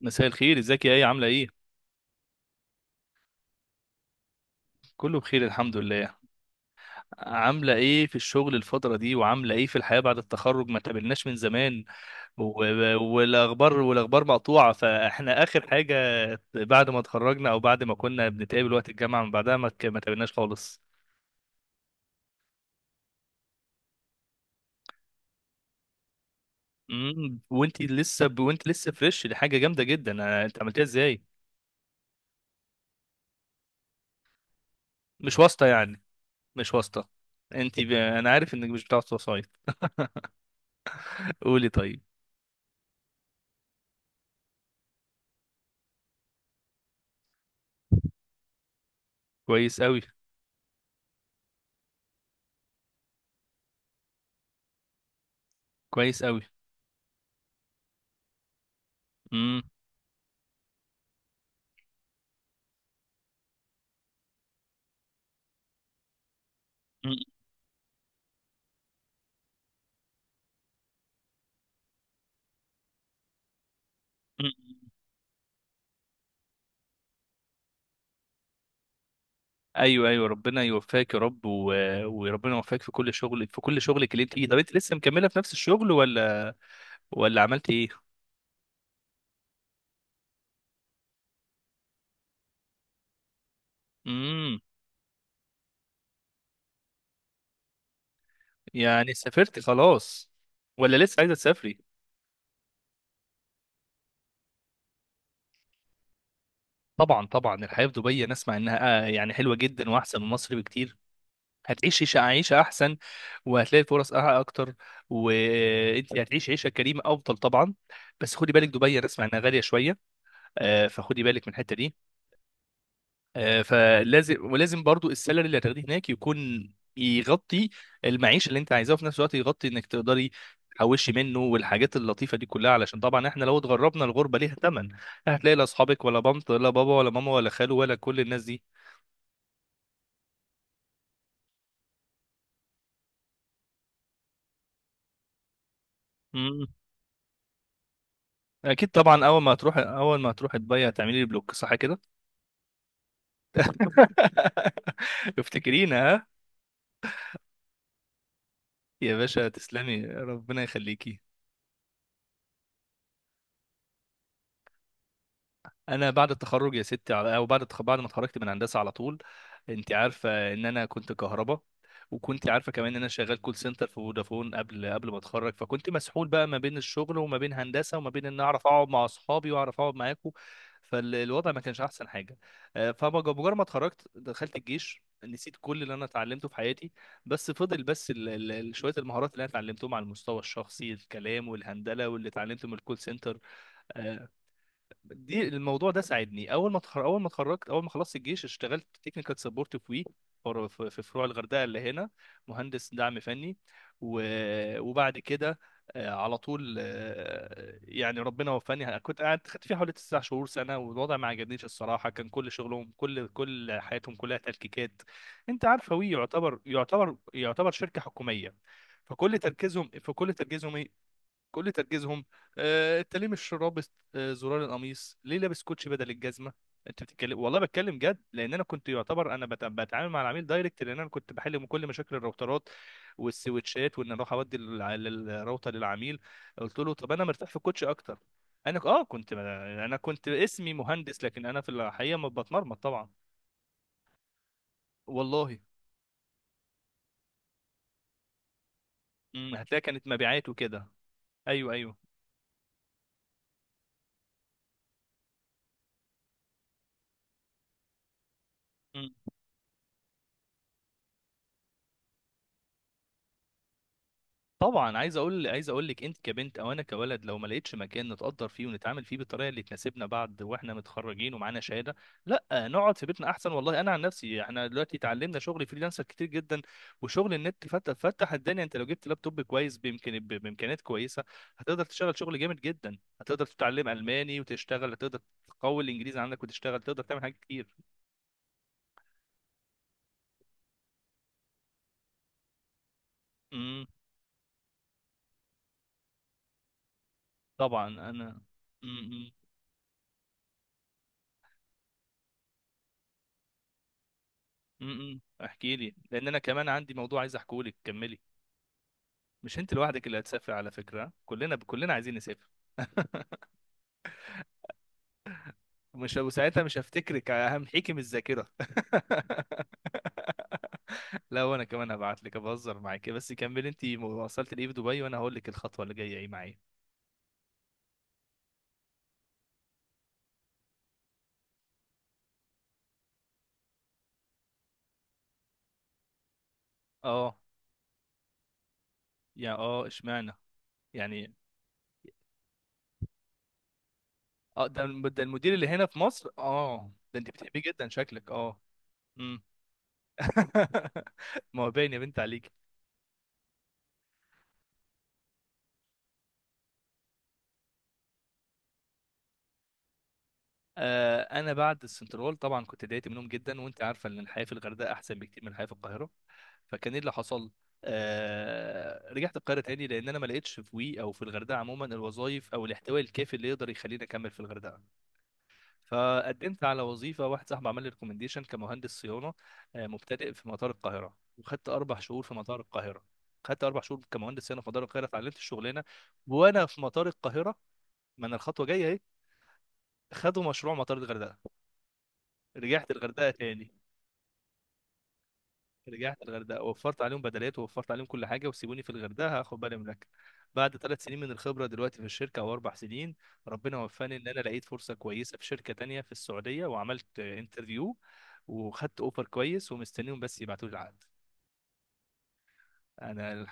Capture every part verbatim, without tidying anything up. مساء الخير، ازيك يا ايه؟ عامله ايه؟ كله بخير الحمد لله. عامله ايه في الشغل الفتره دي وعامله ايه في الحياه بعد التخرج؟ ما تقابلناش من زمان. و- والاخبار، والاخبار مقطوعه. فاحنا اخر حاجه بعد ما اتخرجنا، او بعد ما كنا بنتقابل وقت الجامعه، من بعدها ما ك- ما تقابلناش خالص. امم وانت لسه ب... وانت لسه فريش، دي حاجه جامده جدا. أنا... انت عملتها ازاي؟ مش واسطه يعني؟ مش واسطه؟ انت ب... انا عارف انك مش بتاع وسايط. قولي طيب. كويس قوي. كويس قوي. امم. ايوه، ايوه ربنا يوفقك يا رب، و... وربنا يوفقك في كل شغل، في كل شغلك اللي انت فيه. طب انت لسه مكمله في نفس الشغل ولا ولا عملت ايه؟ امم. يعني سافرت خلاص ولا لسه عايزه تسافري؟ طبعا طبعا، الحياه في دبي انا اسمع انها آه، يعني حلوه جدا واحسن من مصر بكتير. هتعيش عيشه عيشه احسن، وهتلاقي فرص أح- اكتر، وانت هتعيش عيشه كريمه افضل طبعا. بس خدي بالك، دبي انا اسمع انها غاليه شويه. آه، فخدي بالك من الحته دي. آه، فلازم، ولازم برضو السالري اللي هتاخديه هناك يكون يغطي المعيشة اللي انت عايزاها، وفي نفس الوقت يغطي انك تقدري تحوشي منه والحاجات اللطيفة دي كلها. علشان طبعا احنا لو اتغربنا، الغربة ليها ثمن. هتلاقي لا اصحابك ولا بنت ولا بابا ولا ماما ولا خالو ولا كل الناس دي. مم. اكيد طبعا. اول ما هتروح، اول ما هتروح دبي هتعملي لي بلوك، صح كده؟ افتكرينا ها. يا باشا تسلمي، ربنا يخليكي. انا بعد التخرج يا ستي على- او بعد التخ... بعد ما اتخرجت من هندسه، على طول انت عارفه ان انا كنت كهرباء، وكنت عارفه كمان ان انا شغال كول سنتر في فودافون قبل قبل ما اتخرج. فكنت مسحول بقى ما بين الشغل، وما بين هندسه، وما بين ان اعرف اقعد مع اصحابي واعرف اقعد معاكم. فالوضع ما كانش احسن حاجه. آه، فمجرد ما اتخرجت دخلت الجيش، نسيت كل اللي انا اتعلمته في حياتي. بس فضل بس ال- ال- ال- شويه المهارات اللي انا اتعلمتهم على المستوى الشخصي، الكلام والهندله، واللي اتعلمته من الكول سنتر. دي الموضوع ده ساعدني. اول ما اتخر- اول ما اتخرجت، اول ما خلصت الجيش اشتغلت تكنيكال سبورت في وي، فر- في في فروع الغردقه اللي هنا، مهندس دعم فني. و- وبعد كده، آه، على طول، آه، يعني ربنا وفاني. كنت قاعد، خدت فيها حوالي تسع شهور سنه، والوضع ما عجبنيش الصراحه. كان كل شغلهم، كل كل حياتهم كلها تلكيكات. انت عارفه وي يعتبر، يعتبر يعتبر شركه حكوميه. فكل تركيزهم، فكل تركيزهم كل تركيزهم آه، انت ليه مش رابط آه، زرار القميص؟ ليه لابس كوتشي بدل الجزمه؟ انت بتتكلم والله، بتكلم جد، لان انا كنت يعتبر انا بت- بتعامل مع العميل دايركت، لان انا كنت بحل كل مشاكل الراوترات والسويتشات، وان اروح اودي الع- الراوتر للعميل. قلت له طب انا مرتاح في كوتشي اكتر. انا ك- اه كنت، انا كنت اسمي مهندس، لكن انا في الحقيقه ما بتمرمط طبعا. والله. مم، هتلاقي كانت مبيعات وكده. ايوه ايوه. طبعا، عايز اقول عايز اقول لك، انت كبنت او انا كولد، لو ما لقيتش مكان نتقدر فيه ونتعامل فيه بالطريقه اللي تناسبنا بعد واحنا متخرجين ومعانا شهاده، لا نقعد في بيتنا احسن والله. انا عن نفسي، احنا دلوقتي اتعلمنا شغل فريلانسر كتير جدا، وشغل النت فتح فتح الدنيا. انت لو جبت لابتوب كويس بامكان ب- بامكانيات كويسه هتقدر تشتغل شغل جامد جدا، هتقدر تتعلم الماني وتشتغل، هتقدر تقوي الانجليزي عندك وتشتغل، تقدر تعمل حاجات كتير. امم. طبعا. انا امم امم امم، امم، احكي لي، لان انا كمان عندي موضوع عايز احكيه لك. كملي. مش انت لوحدك اللي هتسافر على فكرة، كلنا، كلنا عايزين نسافر. مش وساعتها مش هفتكرك، همحيكي من الذاكرة. لا، وانا كمان هبعت لك، بهزر معاك. بس كملي انت وصلت لايه في دبي، وانا هقول لك الخطوة اللي جاية ايه معايا. اه. يا اه اشمعنى يعني؟ اه، ده الم- ده المدير اللي هنا في مصر، اه. ده انت بتحبيه جدا شكلك، اه. امم. ما هو باين يا بنت عليك. آه انا بعد السنترول طبعا كنت ضايقت منهم جدا، وانت عارفه ان الحياه في الغردقه احسن بكتير من الحياه في القاهره. فكان ايه اللي حصل؟ آه رجعت القاهره تاني، لان انا ما لقيتش في وي او في الغردقه عموما الوظائف او الاحتواء الكافي اللي يقدر يخليني اكمل في الغردقه. فقدمت على وظيفه، واحد صاحبي عمل لي ريكومنديشن كمهندس صيانه آه مبتدئ في مطار القاهره، وخدت اربع شهور في مطار القاهره. خدت اربع شهور كمهندس صيانه في مطار القاهره، اتعلمت الشغلانه، وانا في مطار القاهره ما انا الخطوه جايه اهي. خدوا مشروع مطار الغردقه، رجعت الغردقه تاني. رجعت الغردقه، وفرت عليهم بدلات، ووفرت عليهم كل حاجه، وسيبوني في الغردقه هاخد بالي من الاكل. بعد ثلاث سنين من الخبره دلوقتي في الشركه، او اربع سنين، ربنا وفقني ان انا لقيت فرصه كويسه في شركه تانية في السعوديه، وعملت انترفيو، وخدت اوفر كويس، ومستنيهم بس يبعتوا لي العقد. انا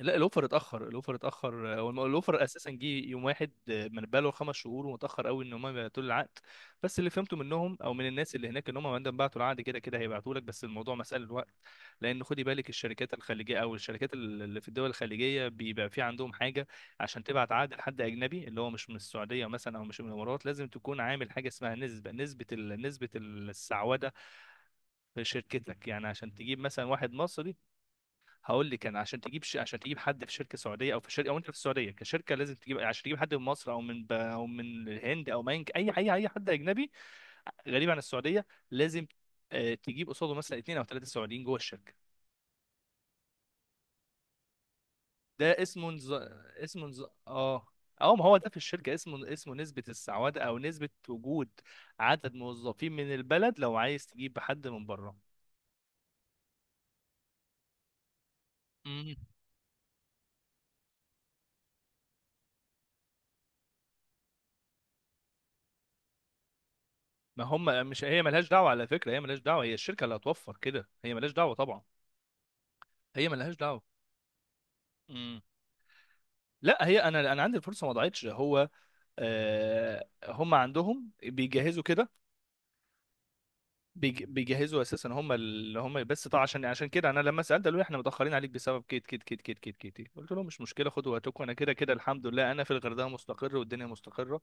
لا الاوفر اتاخر، الاوفر اتاخر. هو الم- الاوفر اساسا جه يوم واحد آه، من بقاله خمس شهور، ومتاخر قوي ان هم يبعتوا لي العقد. بس اللي فهمته منهم او من الناس اللي هناك، ان هم عندما بعتوا العقد كده كده هيبعتوا لك، بس الموضوع مساله وقت. لان خدي بالك الشركات الخليجيه او الشركات اللي في الدول الخليجيه بيبقى في عندهم حاجه. عشان تبعت عقد لحد اجنبي، اللي هو مش من السعوديه مثلا او مش من الامارات، لازم تكون عامل حاجه اسمها نسبه، نسبه ال... نسبه السعوده في شركتك. يعني عشان تجيب مثلا واحد مصري، هقول لك انا، عشان تجيب ش... عشان تجيب حد في شركه سعوديه، او في شركه او انت في السعوديه كشركه، لازم تجيب، عشان تجيب حد من مصر او من ب... او من الهند او من اي اي اي حد اجنبي غريب عن السعوديه، لازم آه، تجيب قصاده مثلا اثنين او ثلاثه سعوديين جوه الشركه. ده اسمه نز... اسمه نز... اه اه، ما هو ده في الشركه اسمه، اسمه نسبه السعوده او نسبه وجود عدد موظفين من البلد لو عايز تجيب حد من بره. مم. ما هم، مش هي ملهاش دعوه على فكره، هي ملهاش دعوه، هي الشركه اللي هتوفر كده، هي ملهاش دعوه طبعا. هي ملهاش دعوه. مم. لا هي، انا انا عندي الفرصه ما ضاعتش. هو آه هم عندهم بيجهزوا كده، بيج- بيجهزوا اساسا هم، اللي هم. بس طبعا عشان، عشان كده انا لما سالت قالوا لي احنا متاخرين عليك بسبب كيت كيت كيت كيت كيت كيت. قلت لهم مش مشكله، خدوا وقتكم، انا كده كده الحمد لله انا في الغردقه مستقر والدنيا مستقره.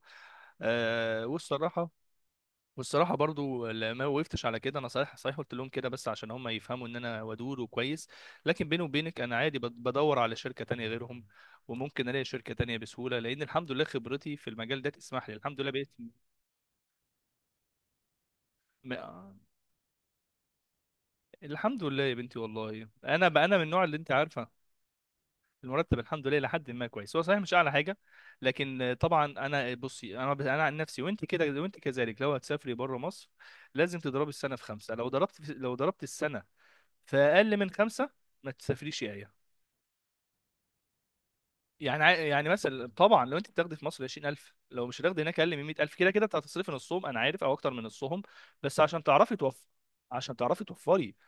آه والصراحه والصراحة برضو لا- ما وقفتش على كده، انا صحيح صحيح قلت لهم كده بس عشان هم يفهموا ان انا ودود وكويس، لكن بيني وبينك انا عادي بد- بدور على شركة تانية غيرهم، وممكن الاقي شركة تانية بسهولة لان الحمد لله خبرتي في المجال ده تسمح لي الحمد لله. بقيت م... الحمد لله يا بنتي، والله انا بقى انا من النوع اللي انت عارفة. المرتب الحمد لله لحد ما كويس، هو صحيح مش اعلى حاجة، لكن طبعا انا بصي، انا انا عن نفسي، وانت كده وانت كذلك، لو هتسافري بره مصر لازم تضربي السنة في خمسة. لو ضربت لو ضربت السنة فاقل من خمسه ما تسافريش. ايه يعني؟ ع- يعني مثلا طبعا لو انت بتاخدي في مصر عشرين الف، لو مش هتاخدي هناك اقل من ميه الف، كده كده انت هتصرفي نصهم انا عارف، او اكتر من نصهم. بس عشان تعرفي توفري، عشان تعرفي توفري.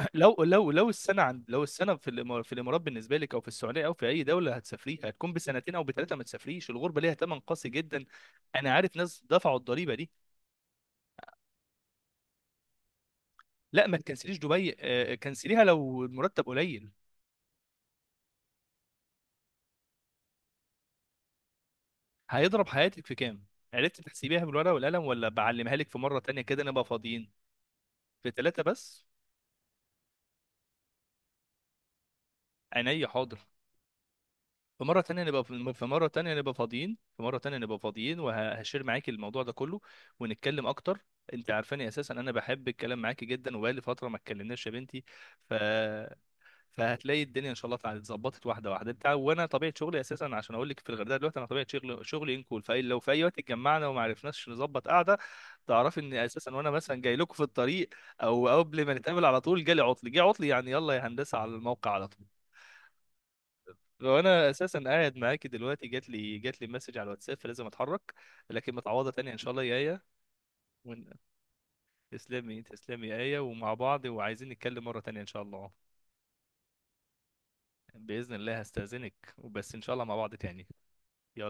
لو لو لو السنه عند لو السنه في الإمار- في الامارات بالنسبه لك، او في السعوديه، او في اي دوله هتسافريها هتكون بسنتين او بثلاثه، ما تسافريش. الغربه ليها ثمن قاسي جدا، انا عارف ناس دفعوا الضريبه دي. لا ما تكنسليش دبي، آه، آه، كنسليها لو المرتب قليل، هيضرب حياتك في كام. عرفت تحسبيها بالورقه والقلم ولا بعلمها لك في مره تانية كده نبقى فاضيين؟ في ثلاثه بس. عينيا حاضر. في مره تانية نبقى في في مره تانية نبقى فاضيين في مره تانية نبقى فاضيين، وهشير معاكي الموضوع ده كله، ونتكلم اكتر. انت عارفاني اساسا انا بحب الكلام معاكي جدا، وبقالي فتره ما اتكلمناش يا بنتي. ف، فهتلاقي الدنيا ان شاء الله تع- اتظبطت واحده واحده. انت عارف- وانا طبيعه شغلي اساسا، عشان اقول لك في الغردقه دلوقتي، انا طبيعه شغلي، شغلي انكول. فاي لو في اي وقت اتجمعنا وما عرفناش نظبط قعده، تعرفي ان اساسا وانا مثلا جاي لكم في الطريق او قبل ما نتقابل على طول جالي عطل، جه عطل يعني يلا يا هندسه على الموقع على طول. وانا اساسا قاعد معاكي دلوقتي جات لي جات لي مسج على الواتساب، فلازم اتحرك. لكن متعوضه تانية ان شاء الله يا ايه. ون- تسلمي، تسلمي يا ايه، ومع بعض، وعايزين نتكلم مره تانية ان شاء الله. باذن الله هستاذنك، وبس ان شاء الله مع بعض تاني. يلا.